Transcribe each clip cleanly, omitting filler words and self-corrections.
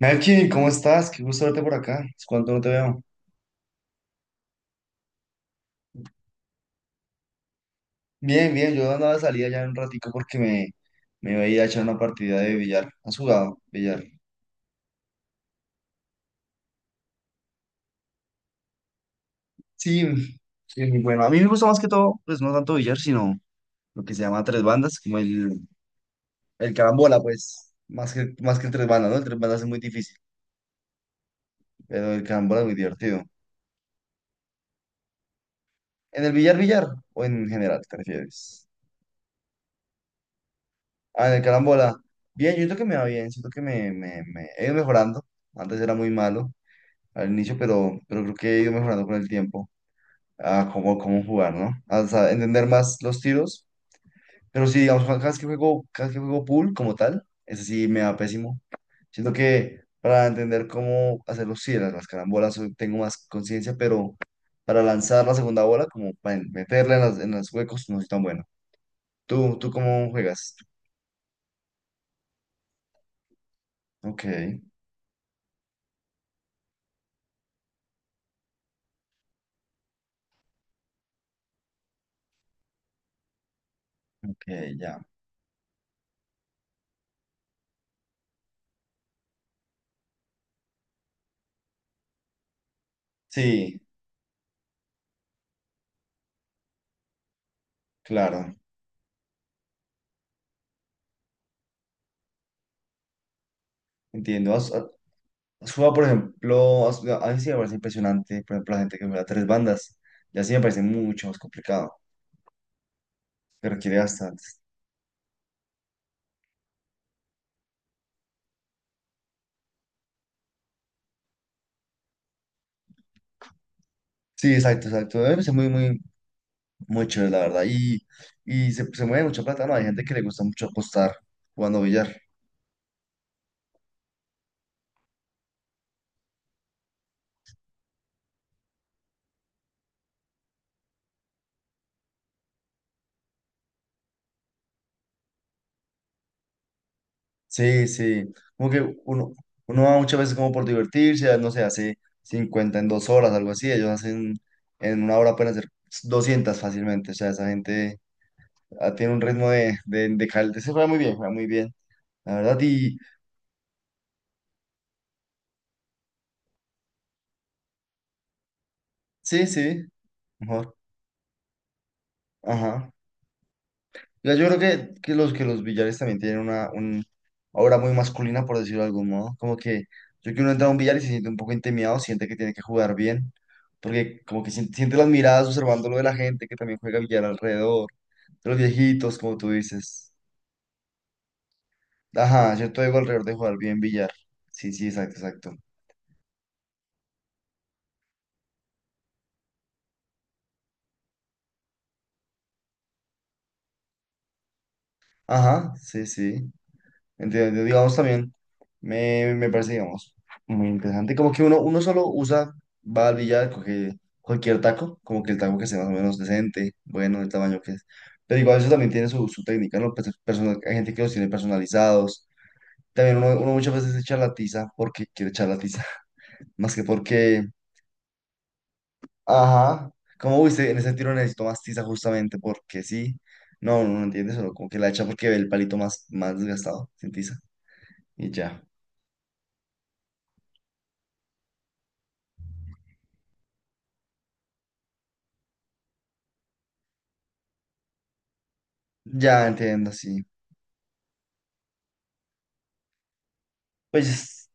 Melkin, ¿cómo estás? Qué gusto verte por acá. ¿Es cuánto no te veo? Bien, bien, yo andaba de salida ya un ratico porque me iba a ir a echar una partida de billar. ¿Has jugado billar? Sí, sí, bueno, a mí me gusta más que todo, pues no tanto billar, sino lo que se llama tres bandas, como el carambola, pues, más que el tres bandas, ¿no? El tres bandas es muy difícil, pero el carambola es muy divertido. ¿En el billar, billar o en general, te refieres? Ah, en el carambola. Bien, yo siento que me va bien, siento que me he ido mejorando. Antes era muy malo, al inicio, pero creo que he ido mejorando con el tiempo a cómo jugar, ¿no? O sea, entender más los tiros. Pero sí, digamos, cada vez que juego pool como tal, ese sí me va pésimo. Siento que para entender cómo hacer los cierres, las carambolas, hoy tengo más conciencia, pero para lanzar la segunda bola, como para meterla en en los huecos, no soy tan bueno. Tú cómo juegas? Ok, ok, ya. Sí, claro, entiendo. Suba, por ejemplo, a a mí sí me parece impresionante, por ejemplo, la gente que juega tres bandas, y así me parece mucho más complicado, pero requiere bastante. Sí, exacto, exacto, me parece muy chévere, la verdad, y, se mueve mucha plata, ¿no? Hay gente que le gusta mucho apostar jugando billar. Sí, sí, como que uno va muchas veces como por divertirse, no sé, hace 50 en 2 horas, algo así, en 1 hora pueden hacer 200 fácilmente, o sea, esa gente ah, tiene un ritmo de, se juega muy bien, la verdad, y... Sí, sí, mejor. Ajá. Ya, yo creo que los billares también tienen una un aura muy masculina, por decirlo de algún modo. Como que yo que uno entra a un billar y se siente un poco intimidado, siente que tiene que jugar bien, porque como que siente las miradas observando lo de la gente que también juega billar alrededor, de los viejitos, como tú dices. Ajá, yo todo digo alrededor de jugar bien billar. Sí, sí, exacto, exacto. Ajá, sí, sí. Entonces, digamos, también me parece, digamos, muy interesante. Como que uno solo usa, va al billar, coge cualquier taco, como que el taco que sea más o menos decente, bueno, el tamaño que es. Pero igual eso también tiene su técnica, ¿no? Pues, hay gente que los tiene personalizados. También uno muchas veces echa la tiza porque quiere echar la tiza, más que porque, ajá, como viste, en ese tiro necesito más tiza justamente porque sí. No entiendes, solo como que la echa porque ve el palito más desgastado, sin tiza. Y ya. Ya entiendo, sí. Pues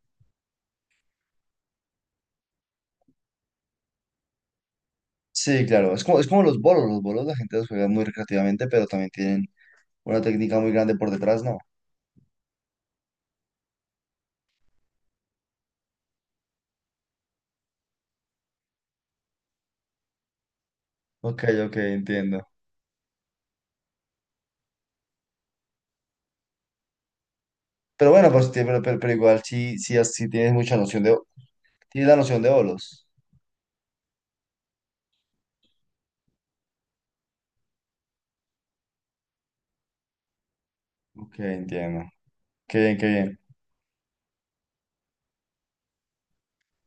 sí, claro, es como los bolos la gente los juega muy recreativamente, pero también tienen una técnica muy grande por detrás, ¿no? Ok, ok, entiendo. Pero bueno, pues, pero igual sí, sí, sí tienes mucha noción de, tienes la noción de bolos. Ok, entiendo. Qué bien, qué bien.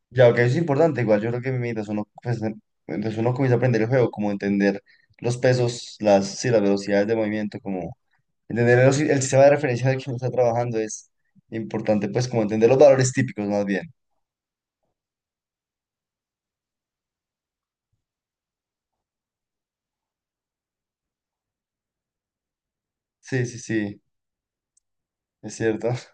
Ya, ok, eso es importante, igual yo creo que mientras uno, pues, mientras uno comienza a aprender el juego, como entender los pesos, sí, las velocidades de movimiento, como entender el sistema de referencia del que uno está trabajando es importante, pues como entender los valores típicos más bien. Sí, sí, sí, es cierto.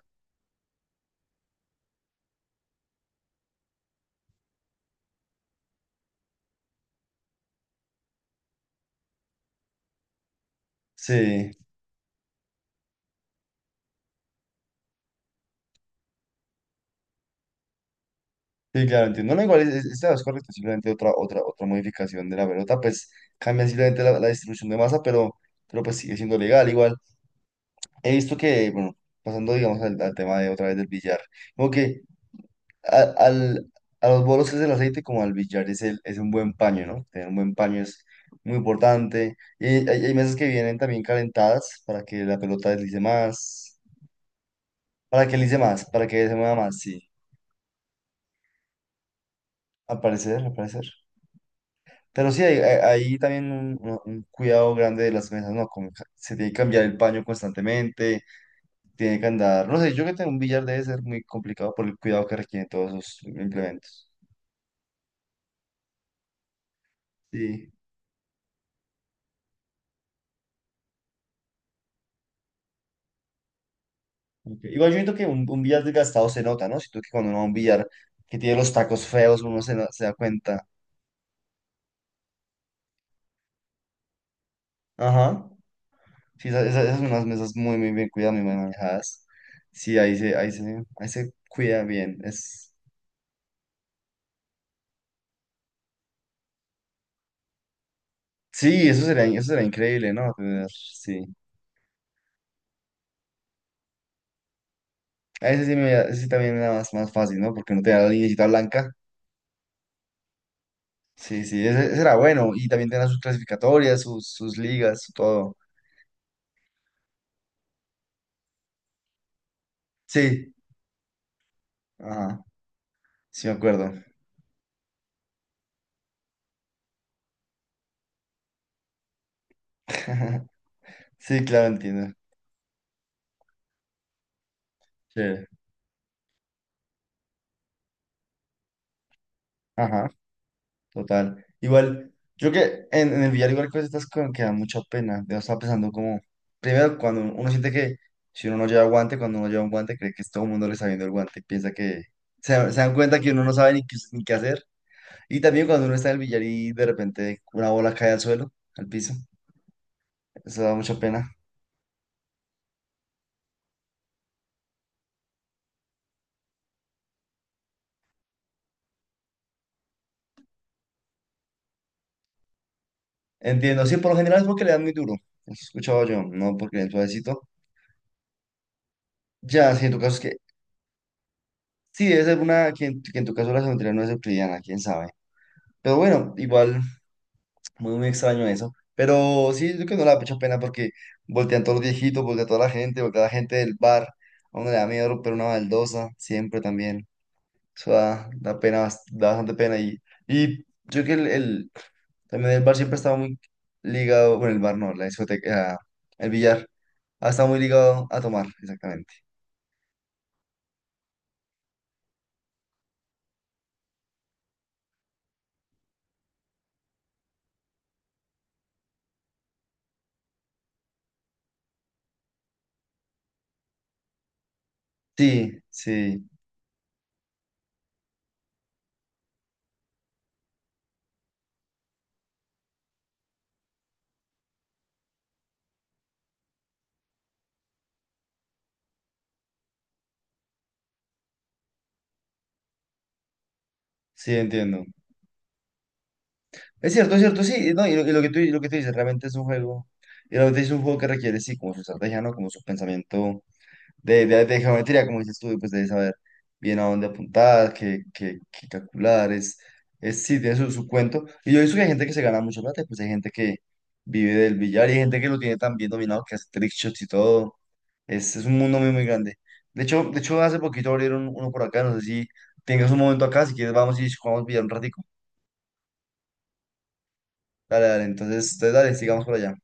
Sí, sí, claro, entiendo. No, igual, es correcto, simplemente otra modificación de la pelota, pues cambia simplemente la distribución de masa, pero pues sigue siendo legal. Igual, he visto que, bueno, pasando, digamos, al tema de otra vez del billar, como que a, al, a los bolos es el aceite, como al billar es un buen paño, ¿no? Tener un buen paño es muy importante. Y hay mesas que vienen también calentadas para que la pelota deslice más, para que deslice más, para que se mueva más, sí. Al parecer, al parecer. Pero sí, hay también un cuidado grande de las mesas, ¿no? Como se tiene que cambiar el paño constantemente, tiene que andar. No sé, yo que tengo un billar debe ser muy complicado por el cuidado que requieren todos esos implementos. Sí. Ok. Igual yo siento que un billar desgastado se nota, ¿no? Siento que cuando uno va a un billar que tiene los tacos feos, se da cuenta. Ajá. Sí, esas son unas mesas muy bien cuidadas, muy bien manejadas. Sí, ahí se cuida bien. Es... Sí, eso sería increíble, ¿no? Tener- sí. A ese sí, ese sí también era más fácil, ¿no? Porque no tenía la linecita blanca. Sí, sí, ese era bueno. Y también tenía sus clasificatorias, sus ligas, su todo. Sí, ajá, sí me acuerdo. Sí, claro, entiendo. Sí. Ajá, total. Igual, yo creo que en el billar igual que estas cosas que da mucha pena. Yo estaba pensando como, primero, cuando uno siente que si uno no lleva guante, cuando uno lleva un guante, cree que todo el mundo le está viendo el guante. Piensa que, se dan cuenta que uno no sabe ni qué hacer. Y también cuando uno está en el billar y de repente una bola cae al suelo, al piso, eso da mucha pena. Entiendo, sí, por lo general es porque le dan muy duro, eso he escuchado yo, no porque es suavecito. Ya, si en tu caso es que, sí, debe ser una, que que en tu caso la geometría no es euclidiana, quién sabe. Pero bueno, igual, muy extraño eso. Pero sí, yo creo que no le da mucha pena porque voltean todos los viejitos, voltea toda la gente, voltea la gente del bar, a uno le da miedo romper una baldosa, siempre también. Eso da, da pena, da bastante pena. Y yo creo que también el bar siempre ha estado muy ligado, bueno, el bar no, la discoteca, ah, el billar, ha estado muy ligado a tomar, exactamente. Sí, sí, sí, entiendo. Es cierto, sí, no, y y lo que tú dices, realmente es un juego, y realmente es un juego que requiere, sí, como su estrategia, ¿no? Como su pensamiento de geometría, como dices tú, y pues de saber bien a dónde apuntar, qué calcular, es sí, tiene su cuento. Y yo he visto que hay gente que se gana mucho plata, y pues hay gente que vive del billar y hay gente que lo tiene tan bien dominado que hace trickshots y todo. Es un mundo muy grande. De hecho, hace poquito abrieron uno por acá, no sé si tengas un momento acá, si quieres vamos y jugamos billar un ratico. Dale, dale, entonces, entonces dale, sigamos por allá.